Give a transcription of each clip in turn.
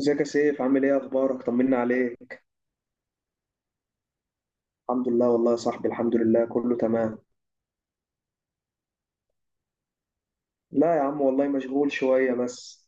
ازيك يا سيف، عامل ايه؟ اخبارك؟ طمنا عليك. الحمد لله والله يا صاحبي، الحمد لله كله تمام. لا يا عم والله مشغول شوية بس.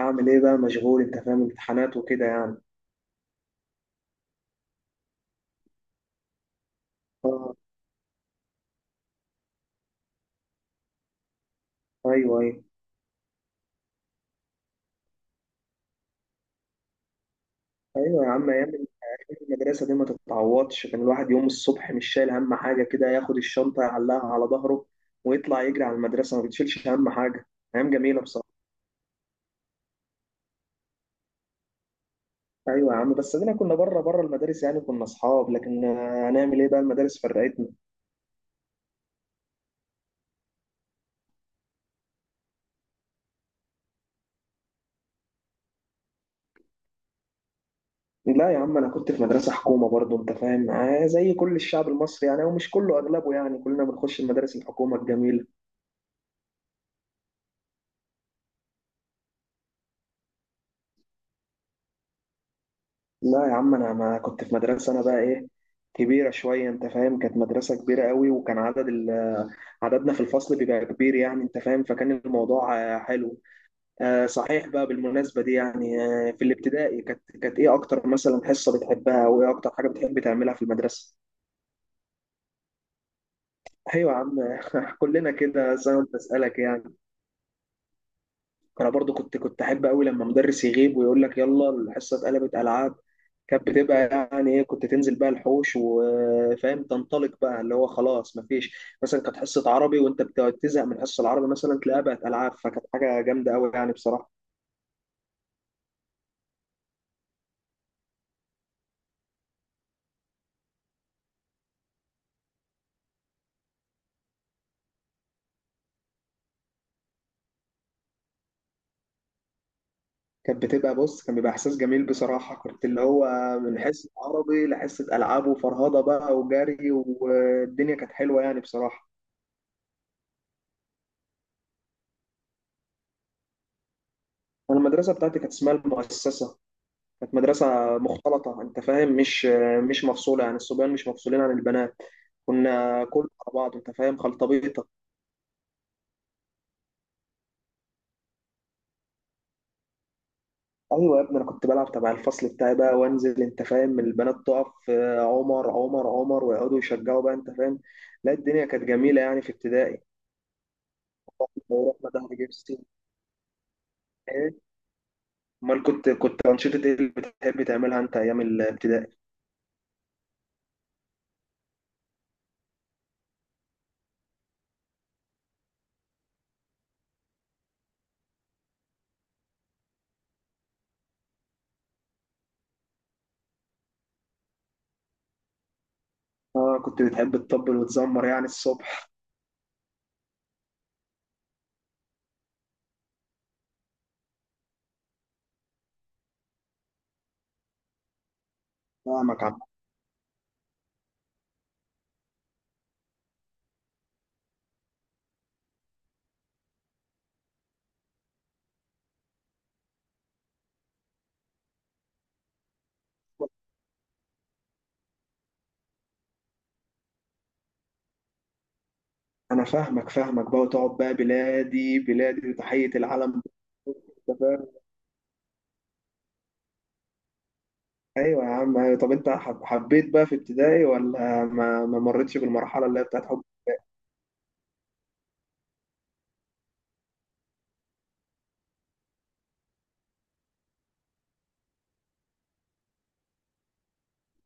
اعمل ايه بقى؟ مشغول، انت فاهم، امتحانات وكده يعني. اه. ايوه ايوه. ايوه يا عم، أيام المدرسة دي ما تتعوضش. كان الواحد يوم الصبح مش شايل هم حاجة، كده ياخد الشنطة يعلقها على ظهره ويطلع يجري على المدرسة، ما بتشيلش هم حاجة. ايام جميلة بصراحة. ايوه يا عم، بس ادينا كنا بره بره المدارس، يعني كنا اصحاب، لكن هنعمل ايه بقى؟ المدارس فرقتنا. لا يا عم، انا كنت في مدرسه حكومه برضو، انت فاهم، زي كل الشعب المصري يعني، ومش كله اغلبه يعني، كلنا بنخش المدارس الحكومه الجميله. لا يا عم، انا ما كنت في مدرسه، انا بقى ايه، كبيره شويه، انت فاهم، كانت مدرسه كبيره قوي، وكان عدد ال، عددنا في الفصل بيبقى كبير يعني، انت فاهم، فكان الموضوع حلو. صحيح بقى، بالمناسبه دي يعني، في الابتدائي كانت ايه اكتر مثلا حصه بتحبها، وايه اكتر حاجه بتحب تعملها في المدرسه؟ ايوه يا عم. كلنا كده، بس انا قلت اسالك يعني. انا برضو كنت احب قوي لما مدرس يغيب ويقول لك يلا الحصه اتقلبت العاب. كانت بتبقى يعني ايه، كنت تنزل بقى الحوش وفاهم، تنطلق بقى، اللي هو خلاص مفيش، مثلا كانت حصه عربي، وانت بتقعد تزهق من حصه العربي، مثلا تلاقيها بقت العاب، فكانت حاجه جامده قوي يعني بصراحه. كانت بتبقى، بص، كان بيبقى احساس جميل بصراحه، كنت اللي هو من حصه عربي لحصه العاب، وفرهده بقى وجري، والدنيا كانت حلوه يعني بصراحه. انا المدرسه بتاعتي كانت اسمها المؤسسه، كانت مدرسة مختلطة، أنت فاهم، مش مفصولة، يعني الصبيان مش مفصولين عن البنات. كنا كل على بعض، أنت فاهم، خلطبيطة. أيوة يا ابني، أنا كنت بلعب تبع الفصل بتاعي بقى، وأنزل، أنت فاهم، البنات تقف، عمر عمر عمر، ويقعدوا يشجعوا بقى، أنت فاهم. لا، الدنيا كانت جميلة يعني في ابتدائي. ورحنا ظهر جبسي. إيه؟ أمال كنت أنشطة إيه اللي بتحب تعملها أنت أيام الابتدائي؟ آه، كنت بتحب تطبل وتزمر يعني الصبح. فاهمك عم. انا فاهمك فاهمك بقى، وتقعد بقى بلادي بلادي وتحية العلم. أنت فاهم؟ ايوه يا عم، أيوة. طب انت حبيت بقى في ابتدائي، ولا ما مرتش بالمرحلة اللي هي بتاعت حب؟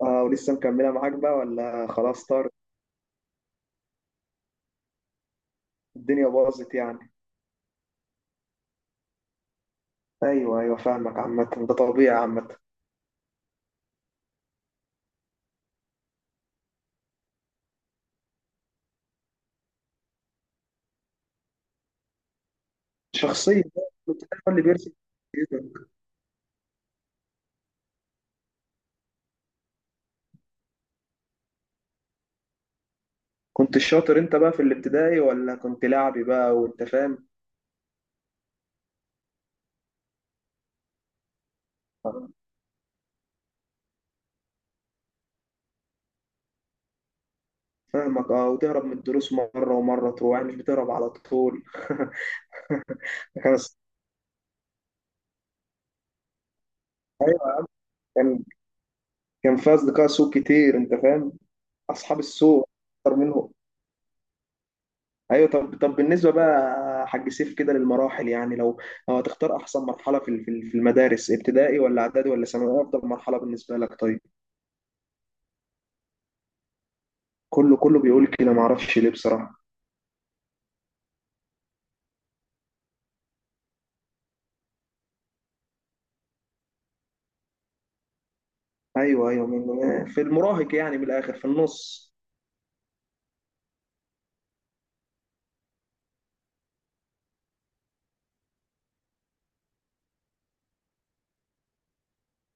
اه، ولسه مكملة معاك بقى ولا خلاص طار؟ الدنيا باظت يعني. ايوه ايوه، فاهمك، عامة ده طبيعي عامة. شخصية بقى في الابتدائي، هو اللي بيرسم شخصيتك. كنت الشاطر انت بقى في الابتدائي، ولا كنت لعبي بقى، وانت فاهم؟ فاهمك. اه، وتهرب من الدروس مرة ومرة تروح، يعني مش بتهرب على طول. خلاص. كان، كان في اصدقاء سوء كتير، انت فاهم، اصحاب السوء اكتر منهم. ايوه. طب طب بالنسبه بقى، حاج سيف، كده للمراحل يعني، لو لو هتختار احسن مرحله في المدارس، ابتدائي ولا اعدادي ولا ثانوي، إيه افضل مرحله بالنسبه لك طيب؟ كله كله بيقول كده، ما اعرفش ليه بصراحه. ايوه ايوه، في المراهق يعني، من الاخر في النص.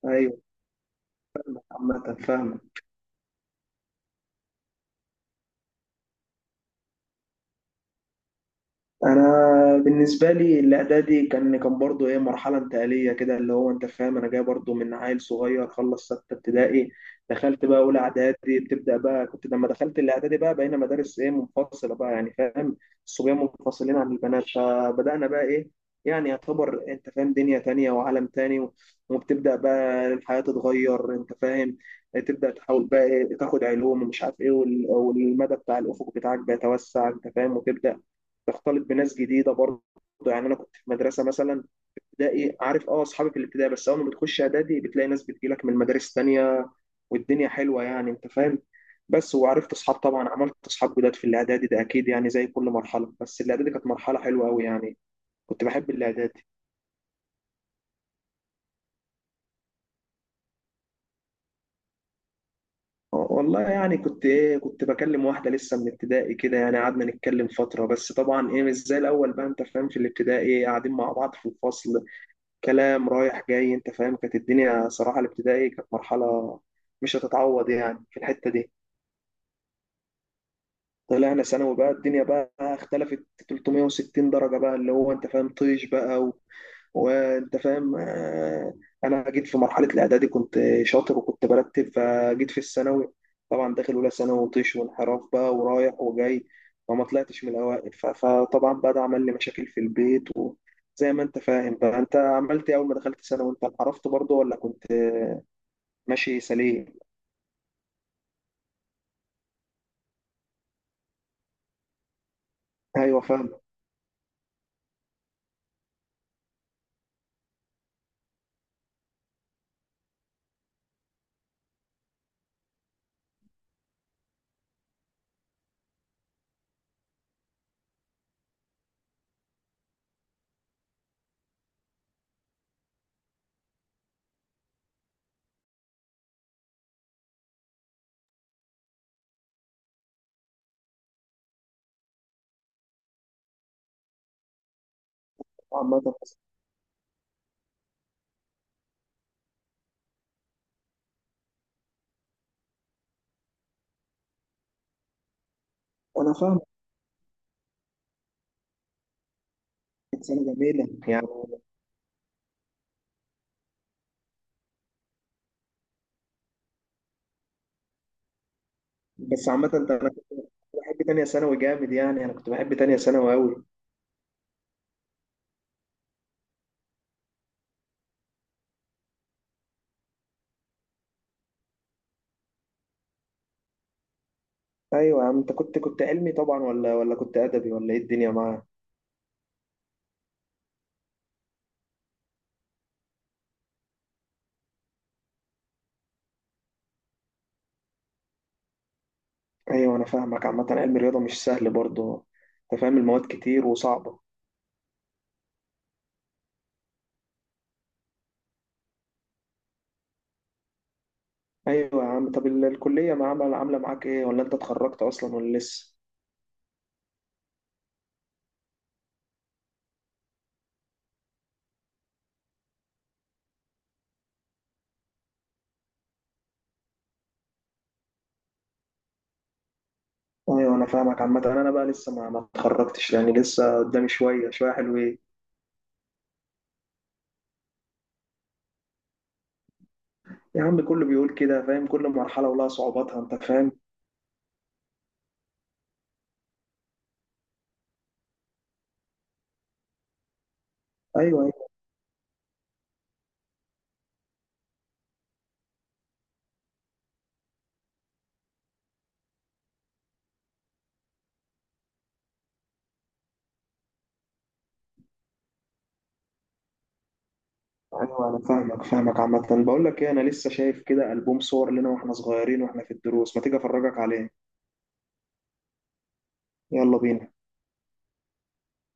ايوه. عامه فاهم. انا بالنسبه لي الاعدادي كان برضو ايه، مرحله انتقاليه كده، اللي هو انت فاهم، انا جاي برضو من عيل صغير خلص سته ابتدائي، دخلت بقى اولى اعدادي، بتبدا بقى، كنت لما دخلت الاعدادي بقى بقينا مدارس ايه، منفصله بقى، يعني فاهم، الصبيان منفصلين عن البنات، فبدانا بقى ايه، يعني يعتبر انت فاهم دنيا تانية وعالم تاني وبتبدا بقى الحياه تتغير، انت فاهم، تبدا تحاول بقى إيه، تاخد علوم ومش عارف ايه، والمدى بتاع الافق بتاعك بيتوسع، انت فاهم، وتبدا تختلط بناس جديده برضه، يعني انا كنت في مدرسه مثلا ابتدائي، عارف اه اصحابي في الابتدائي، بس اول ما بتخش اعدادي بتلاقي ناس بتجيلك من مدارس تانية، والدنيا حلوه يعني انت فاهم. بس وعرفت اصحاب، طبعا عملت اصحاب جداد في الاعدادي ده اكيد يعني، زي كل مرحله، بس الاعدادي كانت مرحله حلوه قوي يعني، كنت بحب الاعدادي. والله يعني كنت ايه، كنت بكلم واحده لسه من ابتدائي كده يعني، قعدنا نتكلم فتره، بس طبعا ايه مش زي الاول بقى، انت فاهم، في الابتدائي قاعدين مع بعض في الفصل، كلام رايح جاي، انت فاهم، كانت الدنيا صراحة الابتدائي كانت مرحلة مش هتتعوض يعني في الحتة دي. طلعنا ثانوي بقى، الدنيا بقى اختلفت 360 درجة بقى، اللي هو انت فاهم، طيش بقى، وانت فاهم، انا جيت في مرحله الاعدادي كنت شاطر وكنت برتب، فجيت في الثانوي طبعا داخل اولى ثانوي، وطيش وانحراف بقى ورايح وجاي، فما طلعتش من الاوائل، فطبعا بقى ده عمل لي مشاكل في البيت، وزي ما انت فاهم بقى، انت عملت ايه اول ما دخلت ثانوي؟ انت انحرفت برضه، ولا كنت ماشي سليم؟ ايوه فاهم. عامه انا فاهم. كانت سنه جميله يعني. بس عامه انت، انا كنت بحب تانية ثانوي جامد يعني، انا كنت بحب تانية ثانوي قوي. ايوه يا عم، انت كنت علمي طبعا، ولا كنت ادبي، ولا ايه الدنيا معاك؟ ايوه انا فاهمك. عامه علم الرياضه مش سهل برضه، انت فاهم، المواد كتير وصعبه. ايوه يا عم. طب الكليه ما عامله معاك ايه، ولا انت اتخرجت اصلا ولا لسه؟ ايوه انا فاهمك. عامه انا بقى لسه ما اتخرجتش يعني، لسه قدامي شويه شويه حلوين. يا عم كله بيقول كده، فاهم، كل مرحله ولها صعوباتها انت فاهم. ايوه ايوه. ايوه انا فاهمك فاهمك. عامه بقول لك ايه، انا لسه شايف كده البوم صور لنا واحنا صغيرين واحنا في الدروس، ما تيجي افرجك عليه. يلا بينا.